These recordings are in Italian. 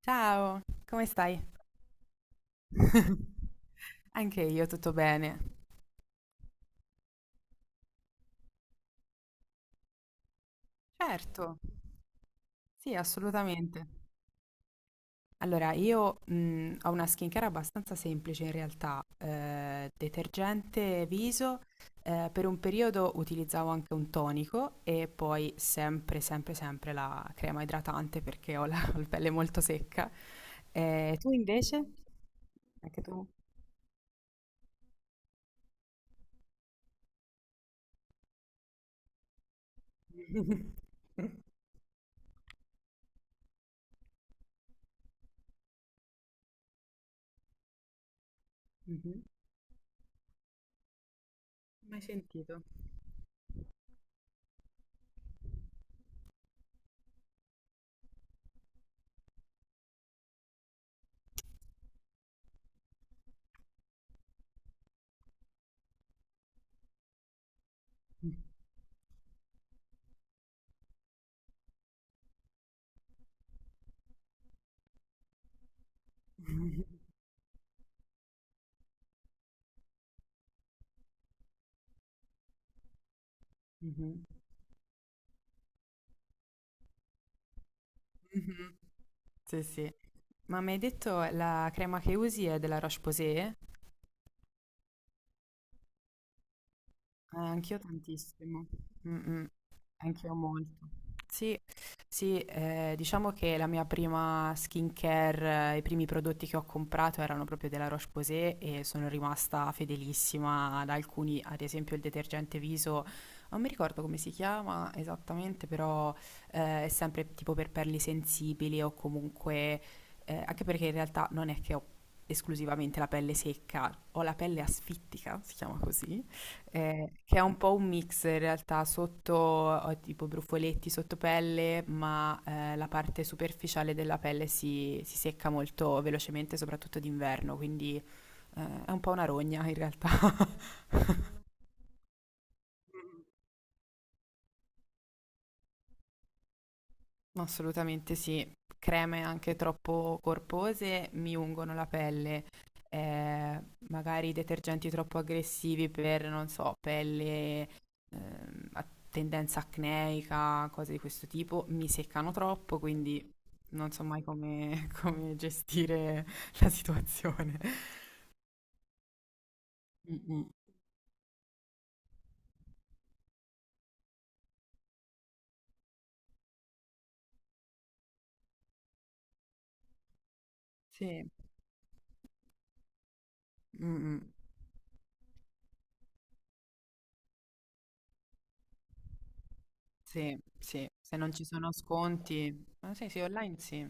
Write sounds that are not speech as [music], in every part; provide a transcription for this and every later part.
Ciao, come stai? [laughs] Anche io tutto bene. Certo, sì, assolutamente. Allora, io ho una skincare abbastanza semplice in realtà, detergente viso, per un periodo utilizzavo anche un tonico e poi sempre, sempre, sempre la crema idratante perché ho la, [laughs] ho la pelle molto secca. Tu invece? Anche tu? [laughs] Mhm. Mai sentito? [laughs] Mhm. Mh-mh. Sì, sì. Ma mi hai detto la crema che usi è della Roche-Posay? Anch'io tantissimo. Mh-mh. Anch'io molto. Sì, sì, diciamo che la mia prima skincare, i primi prodotti che ho comprato erano proprio della Roche-Posay e sono rimasta fedelissima ad alcuni, ad esempio il detergente viso, non mi ricordo come si chiama esattamente, però è sempre tipo per pelli sensibili o comunque, anche perché in realtà non è che ho esclusivamente la pelle secca, ho la pelle asfittica, si chiama così che è un po' un mix in realtà, sotto ho tipo brufoletti sotto pelle, ma la parte superficiale della pelle si secca molto velocemente, soprattutto d'inverno, quindi è un po' una rogna in realtà. [laughs] Assolutamente sì. Creme anche troppo corpose mi ungono la pelle. eh, Magari detergenti troppo aggressivi per, non so, pelle a tendenza acneica, cose di questo tipo, mi seccano troppo, quindi non so mai come, [laughs] come gestire la situazione. Mm, mm. Sì, mm, mm. Sì, sì, se non ci sono sconti, ah, sì, sì, online sì.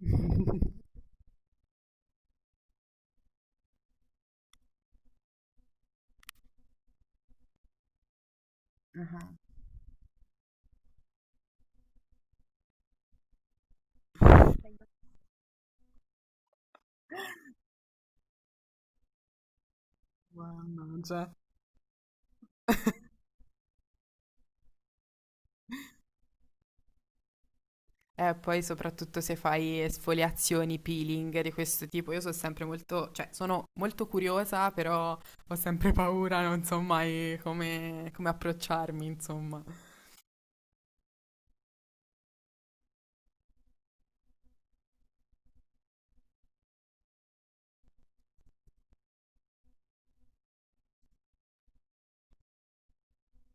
[laughs] Ah, wow, non c'è. [laughs] Poi soprattutto se fai esfoliazioni, peeling di questo tipo, io sono sempre molto, cioè sono molto curiosa, però ho sempre paura, non so mai come, come approcciarmi, insomma.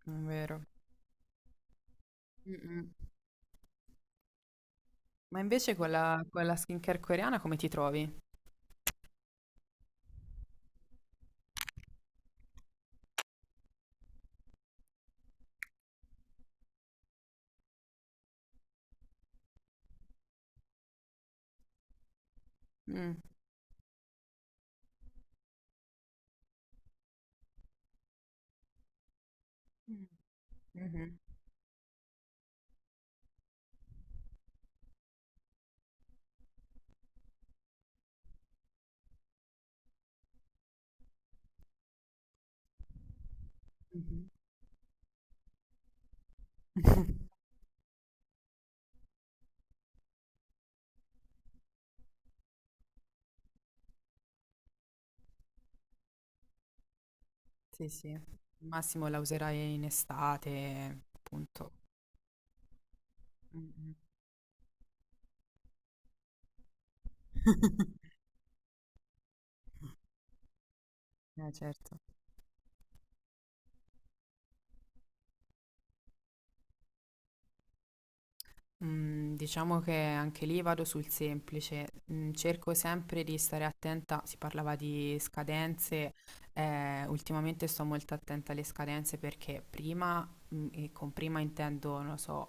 È vero. Mm, mm. Ma invece con la skincare coreana come ti trovi? Mm. Mm. Mhm, mhm. [laughs] Sì, sì. Al massimo la userai in estate, appunto. Mm, mm. [laughs] Certo. Mm, diciamo che anche lì vado sul semplice, mm, cerco sempre di stare attenta, si parlava di scadenze, ultimamente sto molto attenta alle scadenze perché prima, e con prima intendo, non lo so,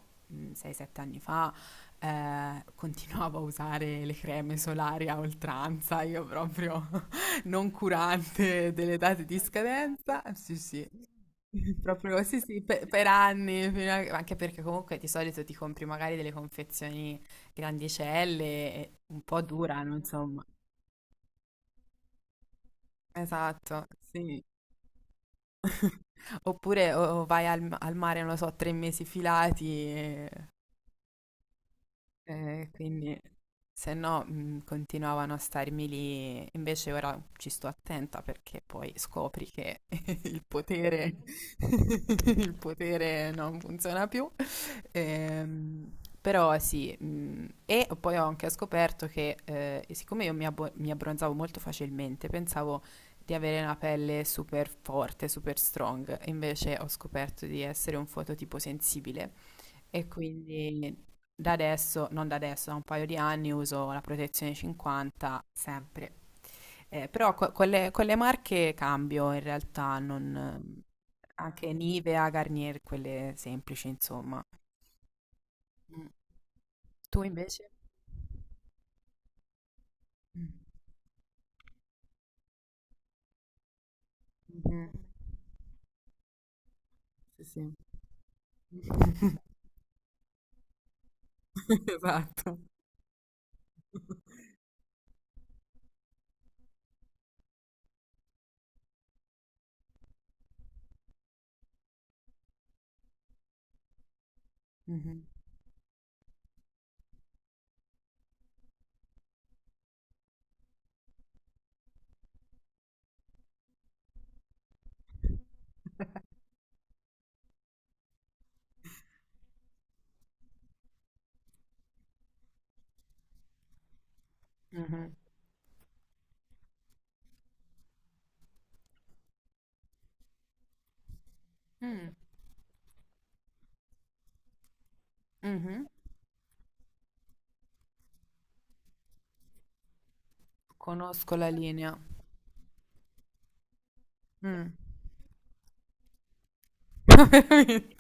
6-7 anni fa, continuavo a usare le creme solari a oltranza, io proprio [laughs] non curante delle date di scadenza, sì sì, [laughs] proprio sì, sì, per, anni, anche perché comunque di solito ti compri magari delle confezioni grandicelle, e un po' durano, insomma. Esatto, sì. Oppure o vai al, al mare, non lo so, 3 mesi filati. Quindi se no continuavano a starmi lì, invece ora ci sto attenta perché poi scopri che [laughs] il potere, [laughs] il potere non funziona più. Ehm, però sì, e poi ho anche scoperto che siccome io mi, mi abbronzavo molto facilmente, pensavo di avere una pelle super forte, super strong, invece ho scoperto di essere un fototipo sensibile e quindi da adesso, non da adesso, da un paio di anni uso la protezione 50 sempre. Però con le marche cambio in realtà, non, anche Nivea, Garnier, quelle semplici, insomma. Mm. Tu invece? Mm. Mhm, sì, sì. [laughs] Esatto. Mhm. Mhm. Mm. Mhm. Conosco la linea. Mm. [laughs] Veramente.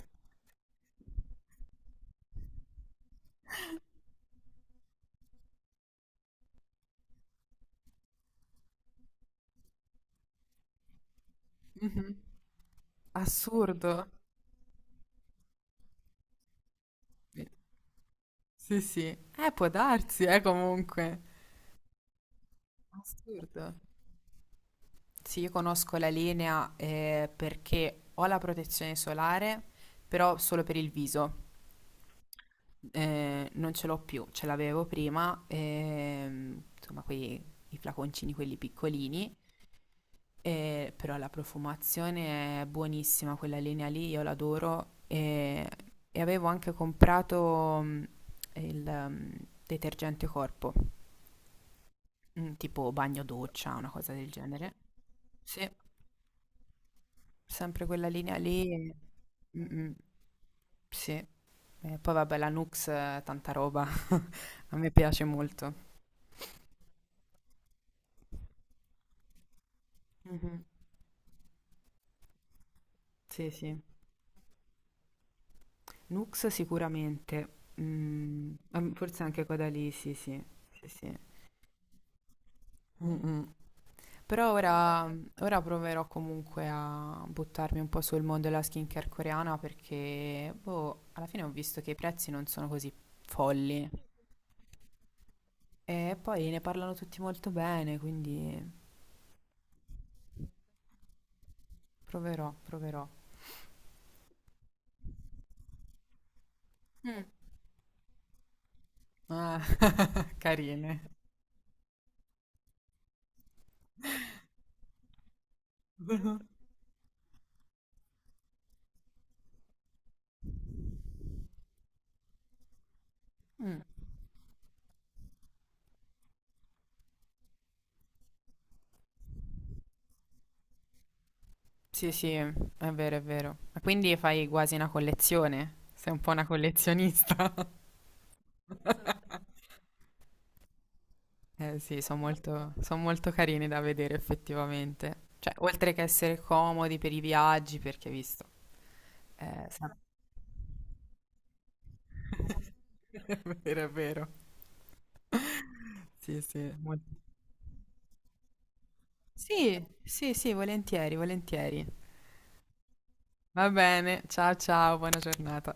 Mhm. Assurdo. Sì, sì. Può darsi, comunque. Assurdo. Sì, io conosco la linea perché ho la protezione solare, però solo per il viso. Non ce l'ho più, ce l'avevo prima, insomma, quei, i flaconcini, quelli piccolini, però la profumazione è buonissima, quella linea lì, io l'adoro. E avevo anche comprato il mm, detergente corpo. Tipo bagno doccia, una cosa del genere. Sì, sempre quella linea lì. E- Mh-mh. Sì. E poi vabbè, la Nux, tanta roba. [laughs] A me piace molto. Mhm. Sì, sì. Nux sicuramente. Mm, am- forse anche quella lì, sì, sì. Sì, sì. Mm-mm. Però ora, ora proverò comunque a buttarmi un po' sul mondo della skincare coreana perché, boh, alla fine ho visto che i prezzi non sono così folli. E poi ne parlano tutti molto bene, quindi proverò, proverò. Mm. Ah, [laughs] carine. Mm. Sì, sì, è vero, è vero. Ma quindi fai quasi una collezione? Sei un po' una collezionista? [laughs] Eh sì, sono molto, son molto carini da vedere effettivamente. Cioè, oltre che essere comodi per i viaggi, perché visto. Sa- [laughs] È vero, è vero. Sì, sì, molto. Sì, sì, sì, volentieri, volentieri. Va bene, ciao ciao, buona giornata.